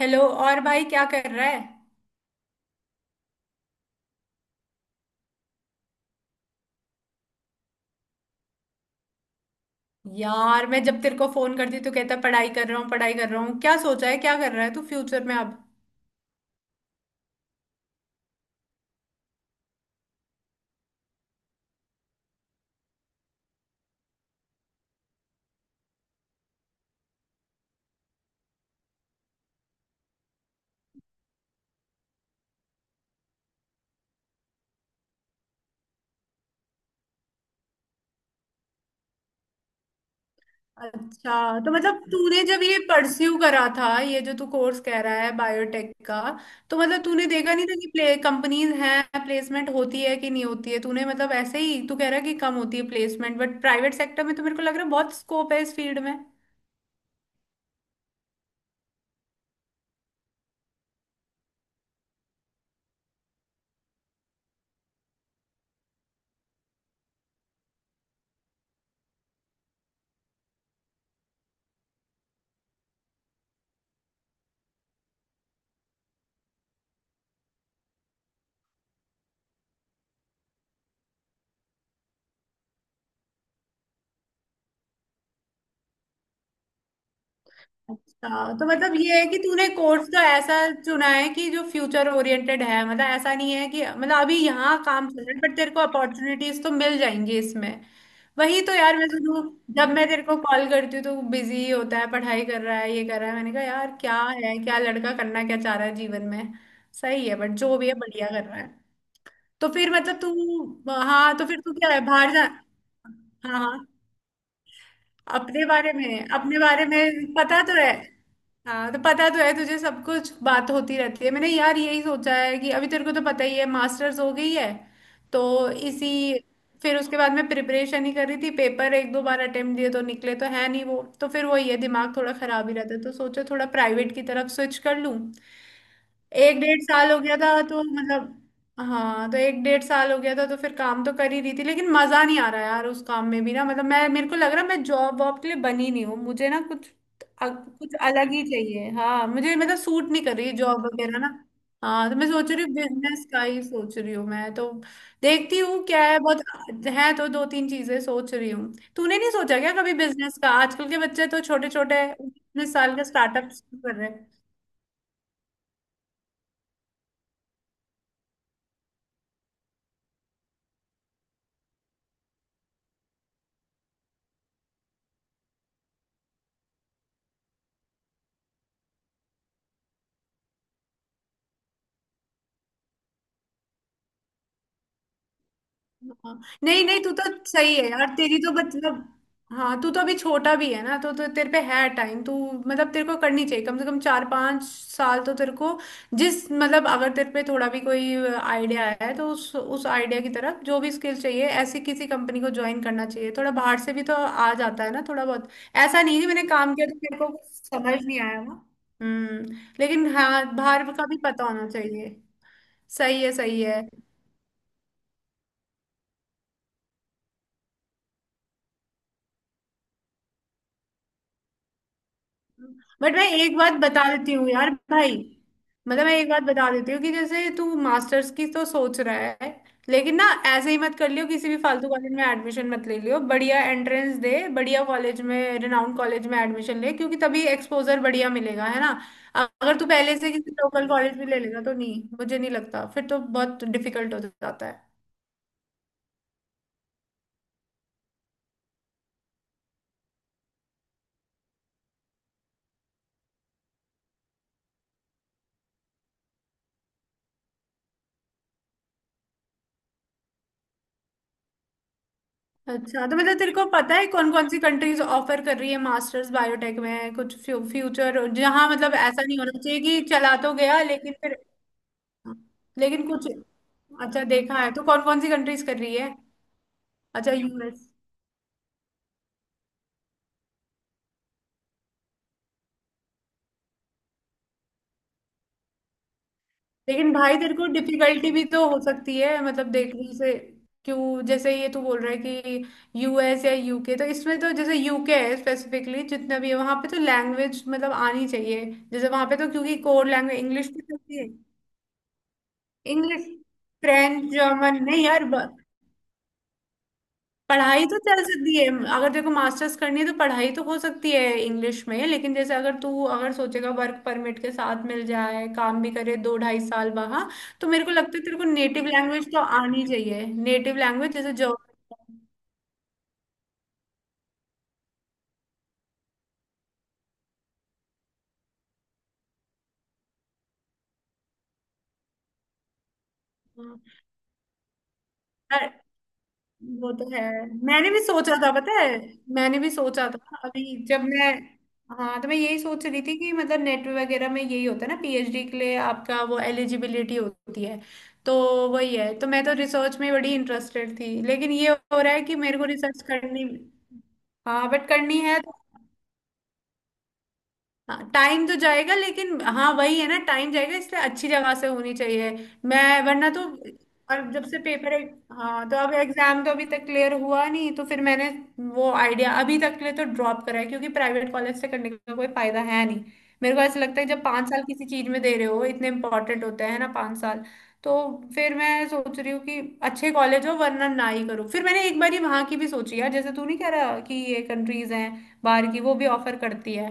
Hello. और भाई क्या कर रहा है। यार, मैं जब तेरे को फोन करती तो कहता पढ़ाई कर रहा हूँ, पढ़ाई कर रहा हूँ। क्या सोचा है, क्या कर रहा है तू फ्यूचर में अब। अच्छा, तो मतलब तूने जब ये परस्यू करा था, ये जो तू कोर्स कह रहा है बायोटेक का, तो मतलब तूने देखा नहीं था कि प्ले कंपनीज हैं, प्लेसमेंट होती है कि नहीं होती है। तूने मतलब ऐसे ही तू कह रहा है कि कम होती है प्लेसमेंट, बट प्राइवेट सेक्टर में तो मेरे को लग रहा है बहुत स्कोप है इस फील्ड में। अच्छा, तो मतलब ये है कि तूने कोर्स तो ऐसा चुना है कि जो फ्यूचर ओरिएंटेड है, मतलब ऐसा नहीं है कि मतलब अभी यहाँ काम चल रहा है, बट तेरे को अपॉर्चुनिटीज तो मिल जाएंगी इसमें। वही तो यार, मैं तो जब मैं तेरे को कॉल करती हूँ तो बिजी होता है, पढ़ाई कर रहा है, ये कर रहा है। मैंने कहा यार क्या है, क्या लड़का करना क्या चाह रहा है जीवन में। सही है, बट जो भी है बढ़िया कर रहा है। तो फिर मतलब तू, हाँ, तो फिर तू क्या है बाहर जा। हाँ, हाँ। अपने बारे में पता तो है। हाँ, तो पता तो है तुझे सब कुछ, बात होती रहती है। मैंने यार यही सोचा है कि अभी तेरे को तो पता ही है मास्टर्स हो गई है। तो इसी, फिर उसके बाद मैं प्रिपरेशन ही कर रही थी। पेपर एक दो बार अटेम्प्ट दिए तो निकले तो है नहीं। वो तो फिर वही है दिमाग थोड़ा खराब ही रहता है, तो सोचा थोड़ा प्राइवेट की तरफ स्विच कर लूँ। एक डेढ़ साल हो गया था तो मतलब, हाँ, तो एक डेढ़ साल हो गया था तो फिर काम तो कर ही रही थी, लेकिन मजा नहीं आ रहा यार उस काम में भी ना। मतलब मैं, मेरे को लग रहा है मैं जॉब वॉब के लिए बनी नहीं हूँ। मुझे ना कुछ अ- कुछ अलग ही चाहिए। हाँ, मुझे मतलब सूट नहीं कर रही जॉब वगैरह ना। हाँ, तो मैं सोच रही हूँ बिजनेस का ही सोच रही हूँ। मैं तो देखती हूँ क्या है, बहुत है तो दो तीन चीजें सोच रही हूँ। तूने नहीं सोचा क्या कभी बिजनेस का? आजकल के बच्चे तो छोटे छोटे 19 साल का स्टार्टअप कर रहे हैं। हाँ। नहीं, नहीं, तू तो सही है यार। तेरी तो मतलब, हाँ, तू तो अभी छोटा भी है ना, तो तेरे पे है टाइम। तू मतलब तेरे को करनी चाहिए कम से कम चार पांच साल तो तेरे को जिस मतलब अगर तेरे पे थोड़ा भी कोई आइडिया है तो उस आइडिया की तरफ जो भी स्किल चाहिए ऐसी किसी कंपनी को ज्वाइन करना चाहिए, थोड़ा बाहर से भी तो आ जाता है ना थोड़ा बहुत। ऐसा नहीं है कि मैंने काम किया तो मेरे को कुछ समझ नहीं आया ना। हम्म लेकिन हाँ, बाहर का भी पता होना चाहिए। सही है, सही है। बट मैं एक बात बता देती हूँ यार भाई, मतलब मैं एक बात बता देती हूँ कि जैसे तू मास्टर्स की तो सोच रहा है, लेकिन ना ऐसे ही मत कर लियो किसी भी फालतू कॉलेज में एडमिशन मत ले लियो। बढ़िया एंट्रेंस दे, बढ़िया कॉलेज में, रिनाउंड कॉलेज में एडमिशन ले क्योंकि तभी एक्सपोजर बढ़िया मिलेगा, है ना। अगर तू पहले से किसी लोकल कॉलेज में ले लेगा तो नहीं, मुझे नहीं लगता, फिर तो बहुत डिफिकल्ट हो जाता है। अच्छा, तो मतलब तेरे को पता है कौन कौन सी कंट्रीज ऑफर कर रही है मास्टर्स बायोटेक में, कुछ फ्यूचर जहाँ, मतलब ऐसा नहीं होना चाहिए कि चला तो गया लेकिन फिर। लेकिन कुछ, अच्छा, देखा है तो कौन कौन सी कंट्रीज कर रही है। अच्छा, यूएस। लेकिन भाई तेरे को डिफिकल्टी भी तो हो सकती है मतलब देखने से क्यों, जैसे ये तू बोल रहा है कि यूएस या यूके, तो इसमें तो जैसे यूके है स्पेसिफिकली, जितना भी है वहां पे तो लैंग्वेज मतलब आनी चाहिए। जैसे वहां पे तो क्योंकि कोर लैंग्वेज इंग्लिश भी चलती है। इंग्लिश, फ्रेंच, जर्मन नहीं यार, पढ़ाई तो चल सकती है। अगर देखो मास्टर्स करनी है तो पढ़ाई तो हो सकती है इंग्लिश में, लेकिन जैसे अगर तू अगर सोचेगा वर्क परमिट के साथ मिल जाए, काम भी करे दो ढाई साल वहां। तो मेरे को लगता है तेरे को नेटिव लैंग्वेज तो आनी चाहिए। नेटिव लैंग्वेज जैसे जर्मन। वो तो है, मैंने भी सोचा था, पता है? मैंने भी सोचा था अभी जब मैं, हाँ, तो मैं यही सोच रही थी कि मतलब नेट वगैरह में यही होता है ना, पीएचडी के लिए आपका वो एलिजिबिलिटी होती है। तो वही है, तो मैं तो रिसर्च में बड़ी इंटरेस्टेड थी लेकिन ये हो रहा है कि मेरे को रिसर्च करनी, हाँ बट करनी है तो। हाँ, टाइम तो जाएगा लेकिन हाँ वही है ना, टाइम जाएगा इसलिए अच्छी जगह से होनी चाहिए, मैं वरना तो। और जब से पेपर, हाँ, तो अब एग्जाम तो अभी तक क्लियर हुआ नहीं तो फिर मैंने वो आइडिया अभी तक के लिए तो ड्रॉप करा है क्योंकि प्राइवेट कॉलेज से करने का कोई फायदा है नहीं। मेरे को ऐसा लगता है जब 5 साल किसी चीज में दे रहे हो, इतने इंपॉर्टेंट होते हैं ना 5 साल। तो फिर मैं सोच रही हूँ कि अच्छे कॉलेज हो वरना ना ही करो। फिर मैंने एक बार ही वहां की भी सोची है, जैसे तू नहीं कह रहा कि ये कंट्रीज हैं बाहर की, वो भी ऑफर करती है।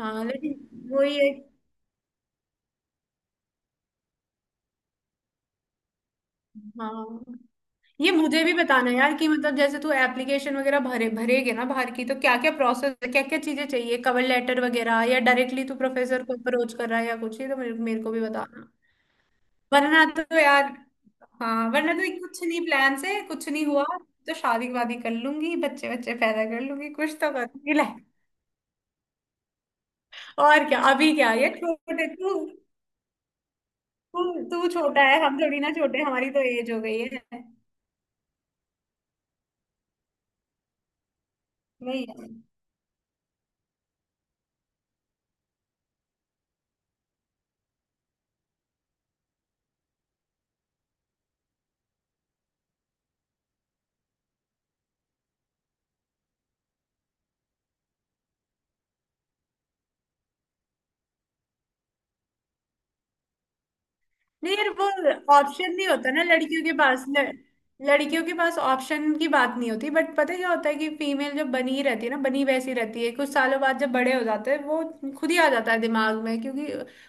हाँ, लेकिन वही है। हाँ, ये मुझे भी बताना यार कि मतलब जैसे तू एप्लीकेशन वगैरह भरेगे ना बाहर की, तो क्या क्या प्रोसेस, क्या क्या चीजें चाहिए, कवर लेटर वगैरह, या डायरेक्टली तू प्रोफेसर को अप्रोच कर रहा है या कुछ, ये तो मेरे को भी बताना। वरना तो यार, हाँ, वरना तो कुछ नहीं, प्लान से कुछ नहीं हुआ। तो शादी वादी कर लूंगी, बच्चे बच्चे पैदा कर लूंगी, कुछ तो करूंगी लाइफ। और क्या, अभी क्या ये छोटे तू, तू तू छोटा है, हम थोड़ी ना छोटे, हमारी तो एज हो गई है। वही है। नहीं यार, वो ऑप्शन नहीं होता ना लड़कियों के पास, लड़कियों के पास ऑप्शन की बात नहीं होती। बट पता है क्या होता है कि फीमेल जब बनी ही रहती है ना, बनी वैसी रहती है, कुछ सालों बाद जब बड़े हो जाते हैं, वो खुद ही आ जाता है दिमाग में। क्योंकि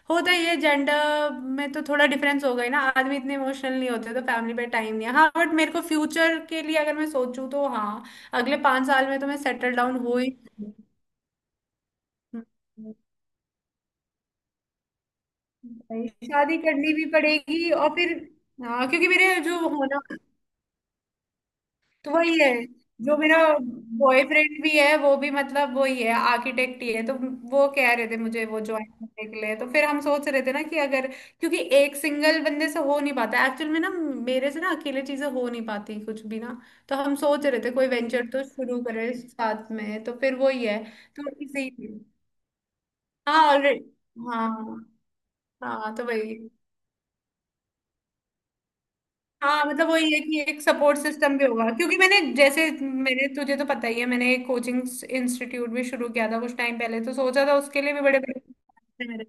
होता ही है, जेंडर में तो थोड़ा डिफरेंस हो गई ना, आदमी इतने इमोशनल नहीं होते तो फैमिली पे टाइम नहीं है। हाँ, बट मेरे को फ्यूचर के लिए अगर मैं सोचूं तो हाँ। अगले 5 साल में तो मैं सेटल डाउन हो ही भाई, शादी करनी भी पड़ेगी और फिर, हाँ, क्योंकि मेरे जो होना, तो वही है जो मेरा बॉयफ्रेंड भी है, वो भी मतलब वही है आर्किटेक्ट ही है, तो वो कह रहे थे मुझे वो ज्वाइन करने के लिए। तो फिर हम सोच रहे थे ना कि अगर, क्योंकि एक सिंगल बंदे से हो नहीं पाता एक्चुअल में ना। मेरे से ना अकेले चीजें हो नहीं पाती कुछ भी ना, तो हम सोच रहे थे कोई वेंचर तो शुरू करें साथ में, तो फिर वही है। तो इसी, हाँ, ऑलरेडी, हाँ, हाँ तो वही, हाँ, मतलब वही है कि एक सपोर्ट सिस्टम भी होगा क्योंकि मैंने, जैसे मैंने, तुझे तो पता ही है, मैंने एक कोचिंग इंस्टीट्यूट भी शुरू किया था कुछ टाइम पहले, तो सोचा था उसके लिए भी बड़े बड़े थे मेरे।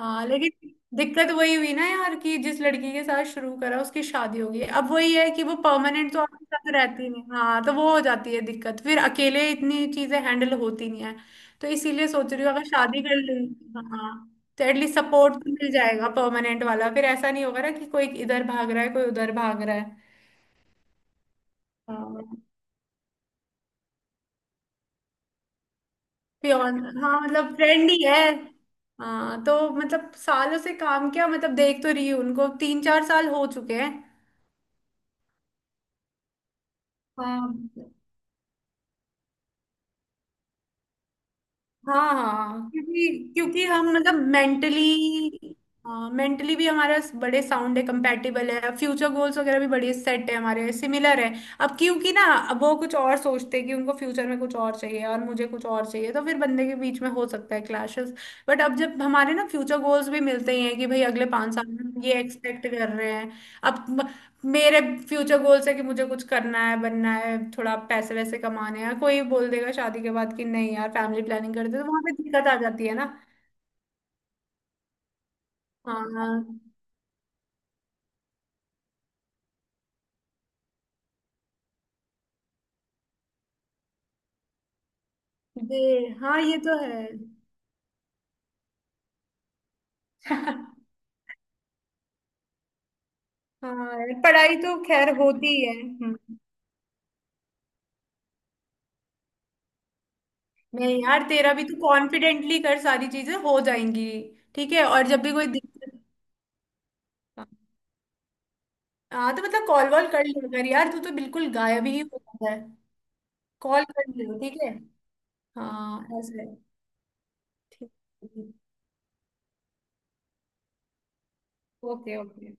हाँ, लेकिन दिक्कत वही हुई ना यार कि जिस लड़की के साथ शुरू करा उसकी शादी हो गई। अब वही है कि वो परमानेंट तो आपके साथ रहती नहीं। हाँ तो वो हो जाती है दिक्कत, फिर अकेले इतनी चीजें हैंडल होती नहीं है। तो इसीलिए सोच रही हूँ अगर शादी कर लूँ, हाँ तो एटलीस्ट सपोर्ट तो मिल जाएगा परमानेंट वाला। फिर ऐसा नहीं होगा ना कि कोई इधर भाग रहा है कोई उधर भाग रहा है। प्योर, हाँ मतलब फ्रेंड ही है। हाँ तो मतलब सालों से काम किया, मतलब देख तो रही हूँ उनको तीन चार साल हो चुके हैं। हाँ, हाँ, हाँ, हाँ। क्योंकि क्योंकि हम मतलब मेंटली, मेंटली भी हमारे बड़े साउंड है, कंपैटिबल है। फ्यूचर गोल्स वगैरह भी बड़े सेट है हमारे, सिमिलर है। अब क्योंकि ना, अब वो कुछ और सोचते हैं कि उनको फ्यूचर में कुछ और चाहिए और मुझे कुछ और चाहिए, तो फिर बंदे के बीच में हो सकता है क्लैशेस। बट अब जब हमारे ना फ्यूचर गोल्स भी मिलते ही हैं कि भाई अगले 5 साल में हम ये एक्सपेक्ट कर रहे हैं। अब मेरे फ्यूचर गोल्स है कि मुझे कुछ करना है, बनना है, थोड़ा पैसे वैसे कमाने हैं। कोई बोल देगा शादी के बाद कि नहीं यार फैमिली प्लानिंग कर दे, तो वहां पे दिक्कत आ जाती है ना। हाँ जी, हाँ ये तो है। हाँ यार, पढ़ाई तो खैर होती ही है। हम्म। नहीं यार, तेरा भी तो कॉन्फिडेंटली कर, सारी चीजें हो जाएंगी। ठीक है, और जब भी कोई दिक्कत, हाँ, तो मतलब कॉल वॉल कर लिया कर यार, तू तो बिल्कुल गायब ही हो जाता है। कॉल कर लियो, ठीक है। हाँ, ऐसे ठीक। Okay, okay.